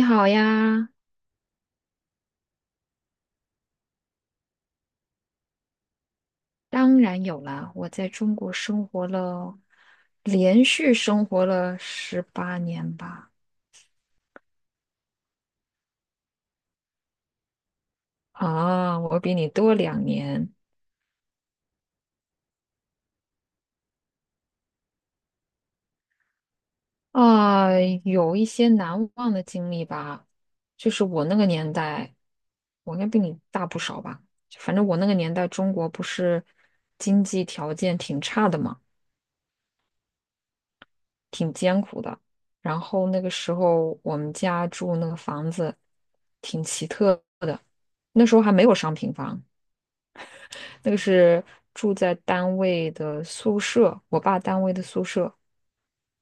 你好呀，当然有啦，我在中国生活了，连续生活了18年吧。啊，我比你多2年啊，有一些难忘的经历吧。就是我那个年代，我应该比你大不少吧。反正我那个年代，中国不是经济条件挺差的嘛。挺艰苦的。然后那个时候我们家住那个房子挺奇特的，那时候还没有商品房，那个是住在单位的宿舍，我爸单位的宿舍，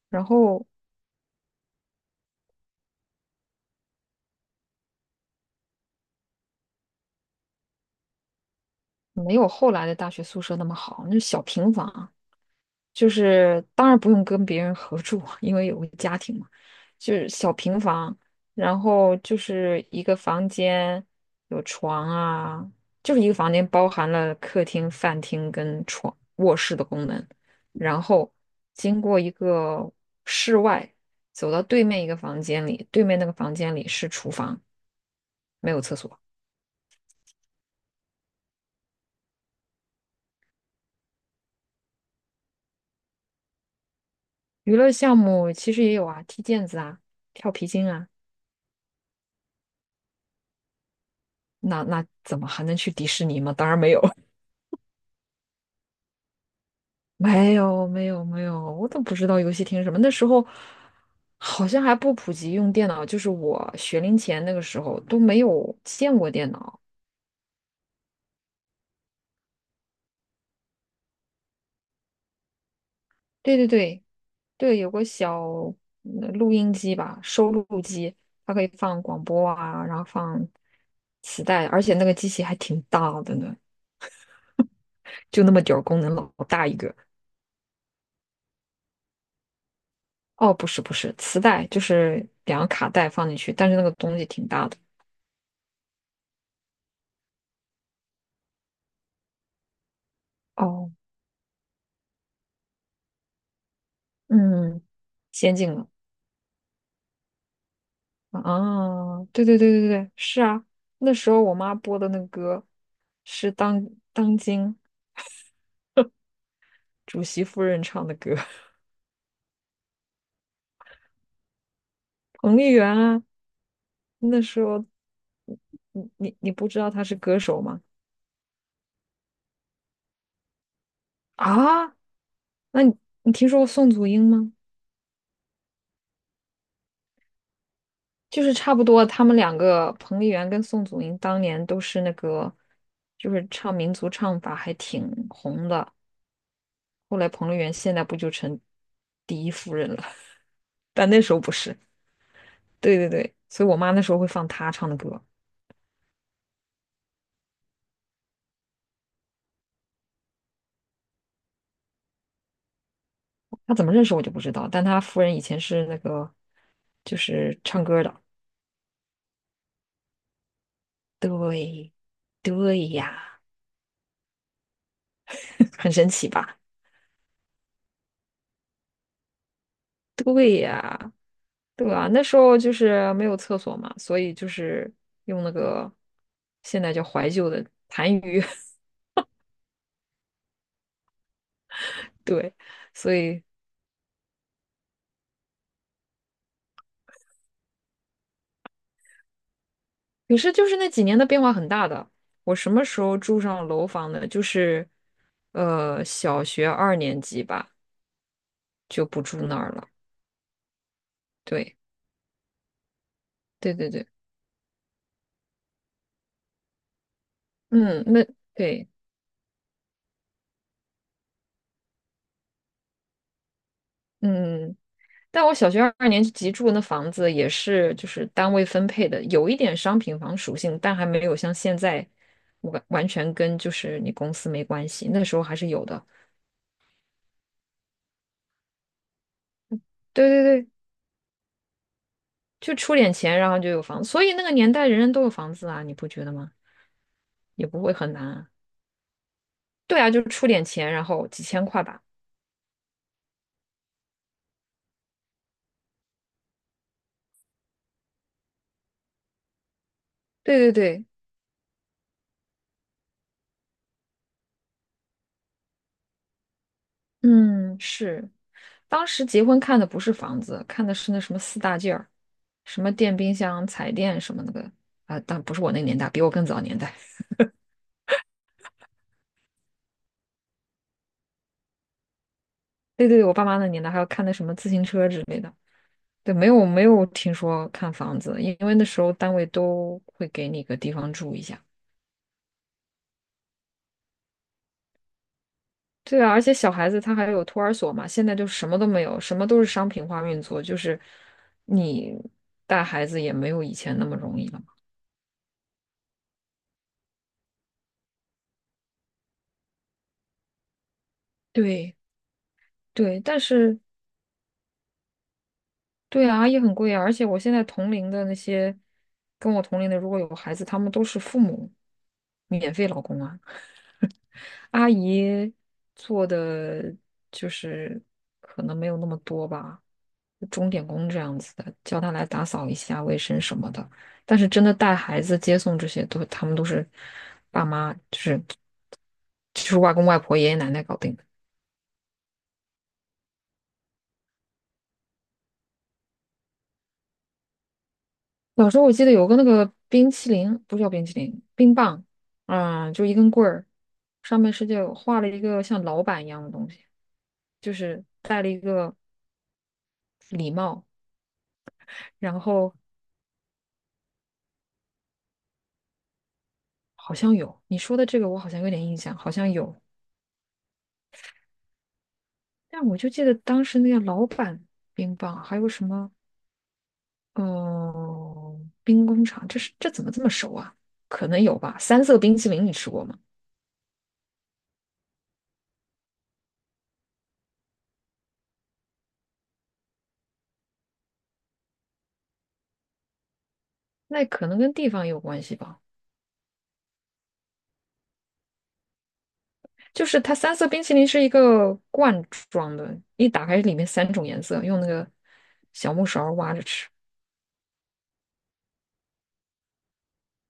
然后没有后来的大学宿舍那么好，那是小平房，就是当然不用跟别人合住，因为有个家庭嘛，就是小平房，然后就是一个房间有床啊，就是一个房间包含了客厅、饭厅跟床卧室的功能，然后经过一个室外，走到对面一个房间里，对面那个房间里是厨房，没有厕所。娱乐项目其实也有啊，踢毽子啊，跳皮筋啊，那那怎么还能去迪士尼吗？当然没有。没有没有没有，我都不知道游戏厅是什么。那时候好像还不普及用电脑，就是我学龄前那个时候都没有见过电脑。对对对对，有个小录音机吧，收录机，它可以放广播啊，然后放磁带，而且那个机器还挺大的呢，就那么点儿功能，老大一个。哦，不是不是，磁带就是两个卡带放进去，但是那个东西挺大的。哦，嗯，先进了。啊，对对对对对，是啊，那时候我妈播的那个歌是当今主席夫人唱的歌，彭丽媛啊，那时候你不知道她是歌手吗？啊，那你听说过宋祖英吗？就是差不多，他们两个彭丽媛跟宋祖英当年都是那个，就是唱民族唱法还挺红的。后来彭丽媛现在不就成第一夫人了？但那时候不是。对对对，所以我妈那时候会放她唱的歌，她怎么认识我就不知道，但她夫人以前是那个就是唱歌的，对对呀，很神奇吧？对啊，那时候就是没有厕所嘛，所以就是用那个现在叫怀旧的痰盂，对，所以可是就是那几年的变化很大的。我什么时候住上楼房的？就是小学二年级吧，就不住那儿了。对对对对。嗯，那对，嗯，但我小学二年级住的那房子也是就是单位分配的，有一点商品房属性，但还没有像现在完全跟就是你公司没关系，那时候还是有的。对对对，就出点钱，然后就有房子，所以那个年代人人都有房子啊，你不觉得吗？也不会很难啊。对啊，就是出点钱，然后几千块吧。对对对，嗯，是。当时结婚看的不是房子，看的是那什么四大件儿，什么电冰箱、彩电什么那个啊，但不是我那个年代，比我更早年代。对对对，我爸妈那年代还要看的什么自行车之类的。对，没有没有听说看房子，因为那时候单位都会给你个地方住一下。对啊，而且小孩子他还有托儿所嘛，现在就什么都没有，什么都是商品化运作，就是你带孩子也没有以前那么容易了嘛。对对，但是对啊，阿姨很贵啊，而且我现在同龄的那些跟我同龄的，如果有孩子，他们都是父母免费老公啊。阿姨做的就是可能没有那么多吧，钟点工这样子的，叫他来打扫一下卫生什么的。但是真的带孩子、接送这些都，他们都是爸妈，就是就是外公外婆、爷爷奶奶搞定。小时候我记得有个那个冰淇淋，不是叫冰淇淋，冰棒，啊、就一根棍儿，上面是就画了一个像老板一样的东西，就是戴了一个礼帽，然后好像有你说的这个，我好像有点印象，好像有，但我就记得当时那个老板冰棒，还有什么，嗯、冰工厂，这是这怎么这么熟啊？可能有吧，三色冰淇淋你吃过吗？那可能跟地方也有关系吧。就是它三色冰淇淋是一个罐装的，一打开里面三种颜色，用那个小木勺挖着吃。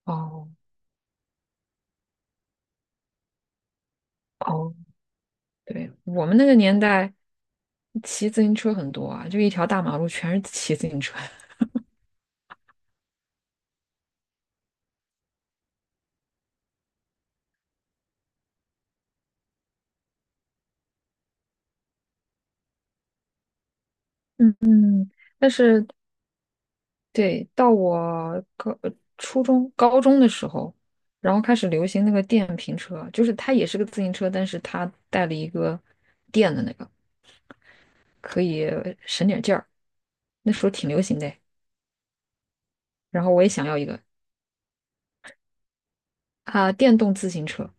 哦哦，对，我们那个年代骑自行车很多啊，就一条大马路全是骑自行车。嗯嗯，但是对，到我初中、高中的时候，然后开始流行那个电瓶车，就是它也是个自行车，但是它带了一个电的那个，可以省点劲儿。那时候挺流行的。然后我也想要一个啊，电动自行车。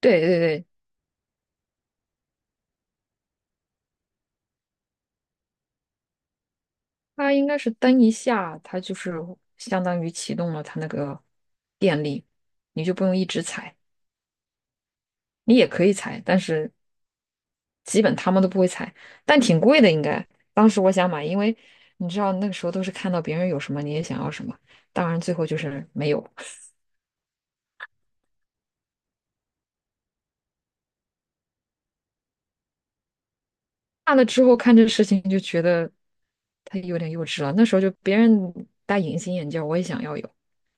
对对对，它应该是蹬一下，它就是相当于启动了它那个电力，你就不用一直踩，你也可以踩，但是基本他们都不会踩，但挺贵的应该。当时我想买，因为你知道那个时候都是看到别人有什么你也想要什么，当然最后就是没有。大了之后看这事情就觉得他有点幼稚了。那时候就别人戴隐形眼镜儿我也想要有；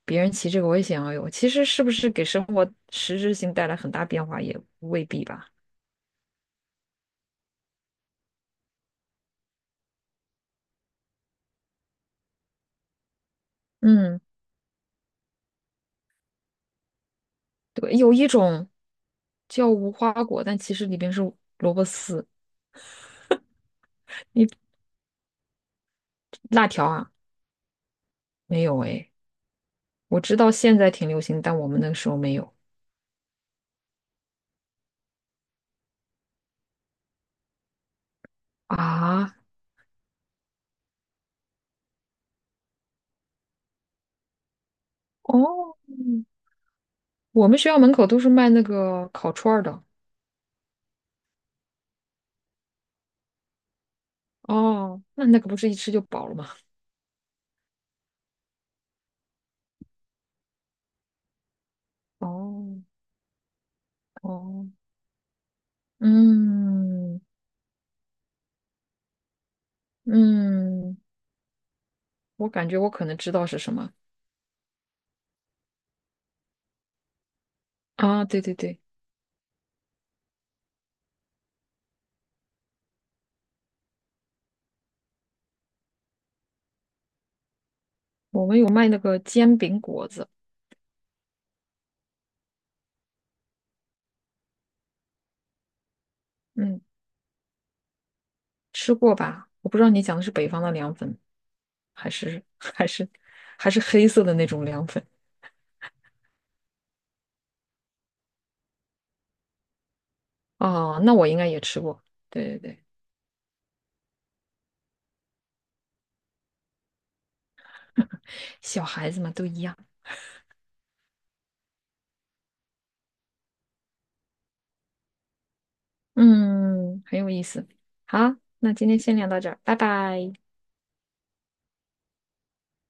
别人骑这个，我也想要有。其实是不是给生活实质性带来很大变化，也未必吧。嗯，对，有一种叫无花果，但其实里边是萝卜丝。你辣条啊？没有哎，我知道现在挺流行，但我们那个时候没有啊。哦，我们学校门口都是卖那个烤串儿的。哦，那那个不是一吃就饱了吗？哦哦，嗯嗯，我感觉我可能知道是什么啊，对对对，我们有卖那个煎饼果子，嗯，吃过吧？我不知道你讲的是北方的凉粉，还是 还是黑色的那种凉粉哦，那我应该也吃过，对对对，小孩子嘛都一样，嗯，很有意思。好，那今天先聊到这儿，拜拜。